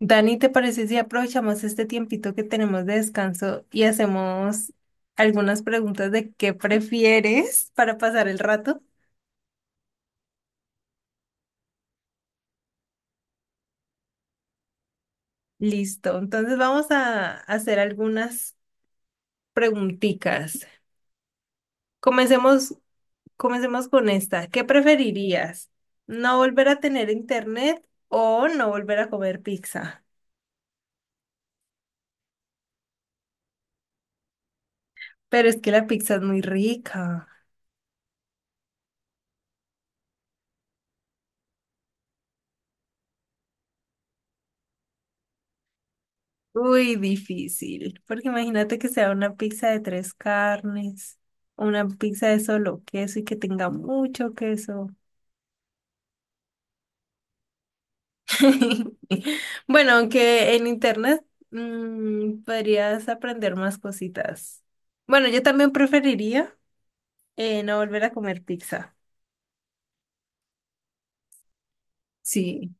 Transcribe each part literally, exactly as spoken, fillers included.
Dani, ¿te parece si aprovechamos este tiempito que tenemos de descanso y hacemos algunas preguntas de qué prefieres para pasar el rato? Listo, entonces vamos a hacer algunas preguntitas. Comencemos, comencemos con esta. ¿Qué preferirías? ¿No volver a tener internet o no volver a comer pizza? Pero es que la pizza es muy rica. Uy, difícil, porque imagínate que sea una pizza de tres carnes, una pizza de solo queso y que tenga mucho queso. Bueno, aunque en internet mm, podrías aprender más cositas. Bueno, yo también preferiría eh, no volver a comer pizza. Sí,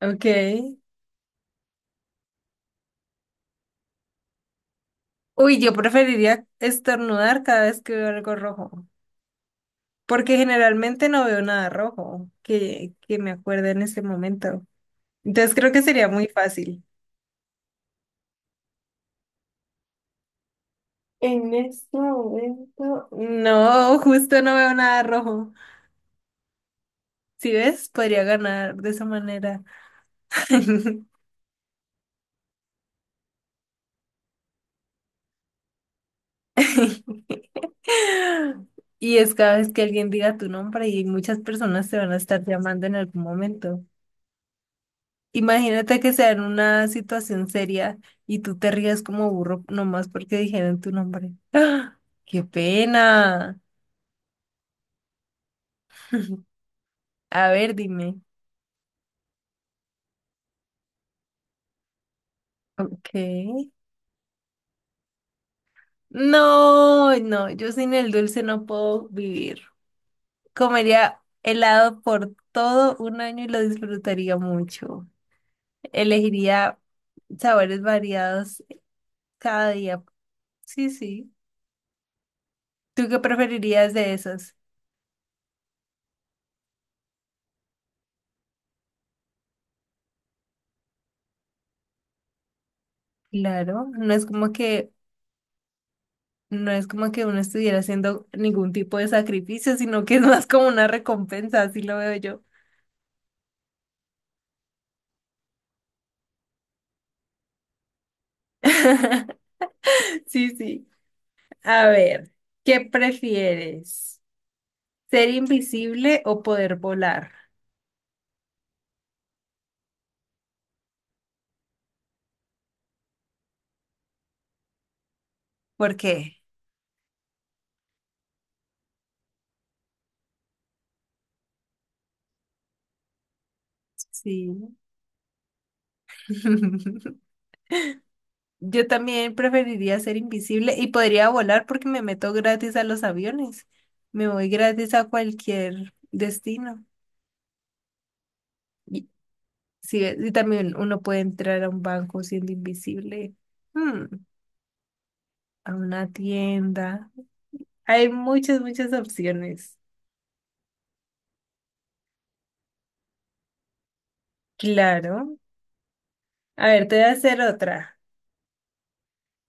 ok. Uy, yo preferiría estornudar cada vez que veo algo rojo, porque generalmente no veo nada rojo que, que me acuerde en este momento. Entonces creo que sería muy fácil. En este momento, no, justo no veo nada rojo. Si ves, podría ganar de esa manera. Y es cada vez que alguien diga tu nombre y muchas personas te van a estar llamando en algún momento. Imagínate que sea en una situación seria y tú te rías como burro nomás porque dijeron tu nombre. ¡Ah! ¡Qué pena! A ver, dime. Ok. No, no, yo sin el dulce no puedo vivir. Comería helado por todo un año y lo disfrutaría mucho. Elegiría sabores variados cada día. Sí, sí. ¿Tú qué preferirías de esos? Claro, no es como que no es como que uno estuviera haciendo ningún tipo de sacrificio, sino que es más como una recompensa, así lo veo yo. Sí, sí. A ver, ¿qué prefieres? Ser invisible o poder volar. ¿Por qué? Sí. Yo también preferiría ser invisible y podría volar porque me meto gratis a los aviones. Me voy gratis a cualquier destino. Y, sí, y también uno puede entrar a un banco siendo invisible. Hmm, a una tienda. Hay muchas, muchas opciones. Claro. A ver, te voy a hacer otra.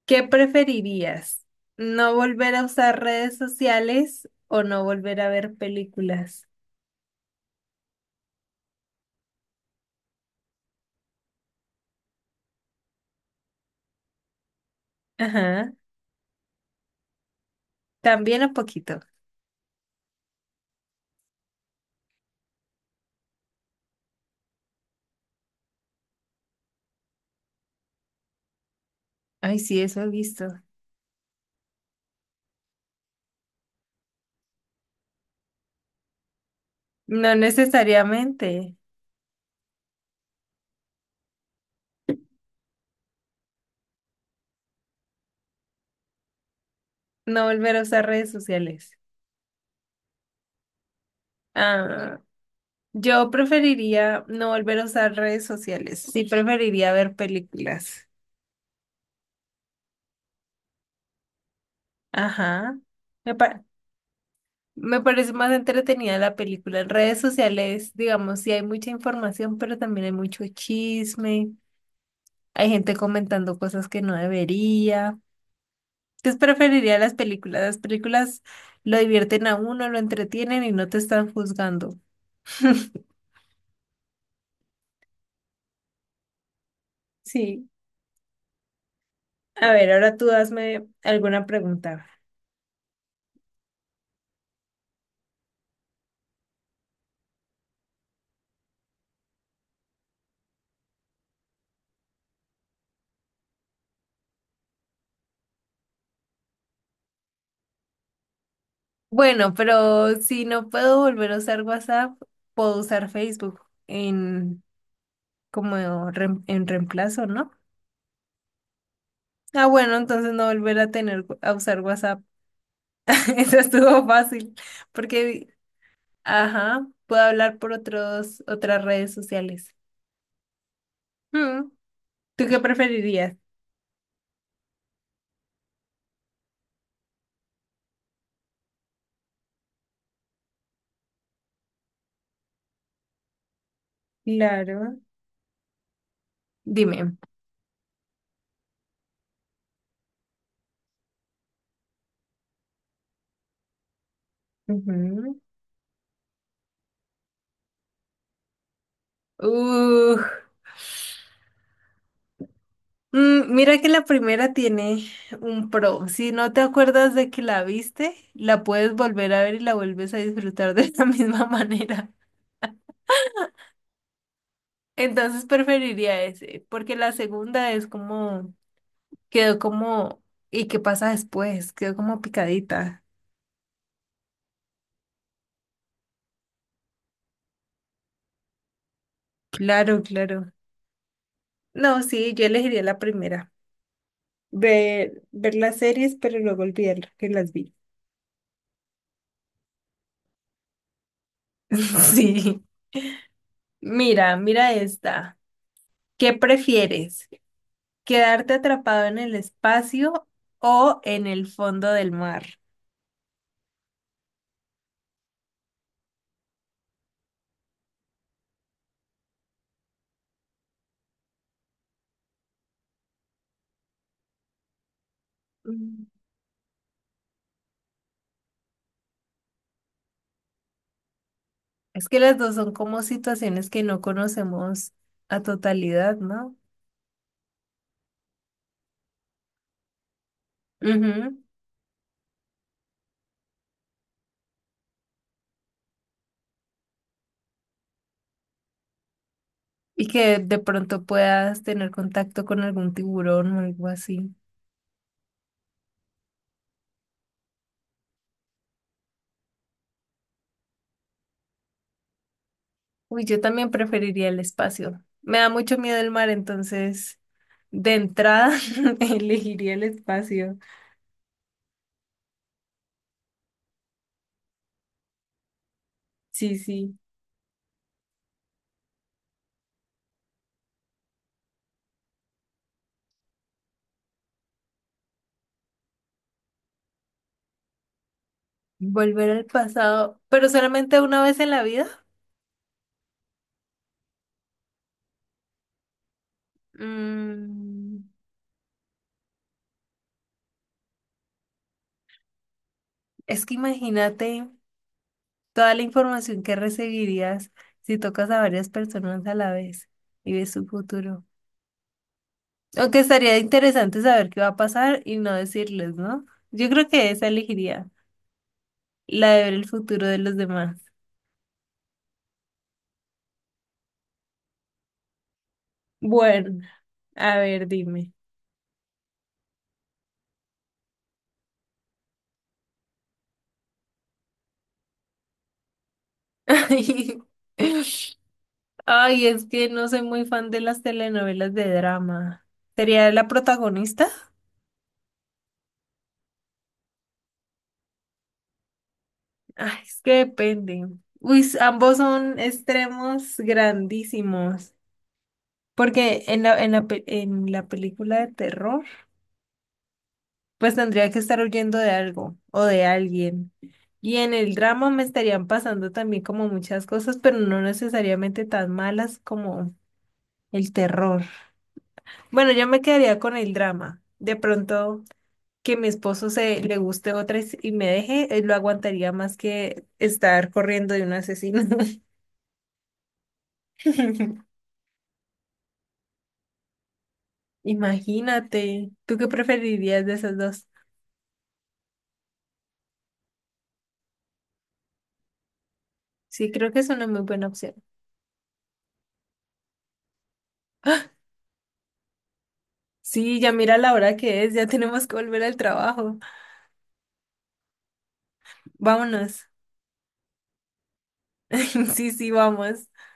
¿Qué preferirías? ¿No volver a usar redes sociales o no volver a ver películas? Ajá, también un poquito. Ay, sí, eso he visto. No necesariamente. No volver a usar redes sociales. Ah, yo preferiría no volver a usar redes sociales. Sí, preferiría ver películas. Ajá. Me, pa- me parece más entretenida la película. En redes sociales, digamos, sí hay mucha información, pero también hay mucho chisme. Hay gente comentando cosas que no debería. Entonces preferiría las películas. Las películas lo divierten a uno, lo entretienen y no te están juzgando. Sí. A ver, ahora tú hazme alguna pregunta. Bueno, pero si no puedo volver a usar WhatsApp, puedo usar Facebook en como rem- en reemplazo, ¿no? Ah, bueno, entonces no volver a tener a usar WhatsApp. Eso estuvo fácil, porque, ajá, puedo hablar por otros otras redes sociales. Mm, ¿tú qué preferirías? Claro. Dime. Ujú. Uh, mm, mira que la primera tiene un pro. Si no te acuerdas de que la viste, la puedes volver a ver y la vuelves a disfrutar de la misma manera. Entonces preferiría ese, porque la segunda es como, quedó como, ¿y qué pasa después? Quedó como picadita. Claro, claro. No, sí, yo elegiría la primera. Ver, ver las series, pero luego olvidar que las vi. Sí. Mira, mira esta. ¿Qué prefieres? ¿Quedarte atrapado en el espacio o en el fondo del mar? Mm. Es que las dos son como situaciones que no conocemos a totalidad, ¿no? Ujú. Y que de pronto puedas tener contacto con algún tiburón o algo así. Uy, yo también preferiría el espacio. Me da mucho miedo el mar, entonces de entrada elegiría el espacio. Sí, sí. Volver al pasado, pero solamente una vez en la vida. Mm, es que imagínate toda la información que recibirías si tocas a varias personas a la vez y ves su futuro. Aunque estaría interesante saber qué va a pasar y no decirles, ¿no? Yo creo que esa elegiría, la de ver el futuro de los demás. Bueno. A ver, dime. Ay, es que no soy muy fan de las telenovelas de drama. ¿Sería la protagonista? Ay, es que depende. Uy, s- ambos son extremos grandísimos. Porque en la, en la, pe- en la película de terror, pues tendría que estar huyendo de algo o de alguien. Y en el drama me estarían pasando también como muchas cosas, pero no necesariamente tan malas como el terror. Bueno, yo me quedaría con el drama. De pronto que mi esposo se le guste otra y s- y me deje, eh, lo aguantaría más que estar corriendo de un asesino. Imagínate, ¿tú qué preferirías de esas dos? Sí, creo que es una muy buena opción. Sí, ya mira la hora que es, ya tenemos que volver al trabajo. Vámonos. Sí, sí, vamos.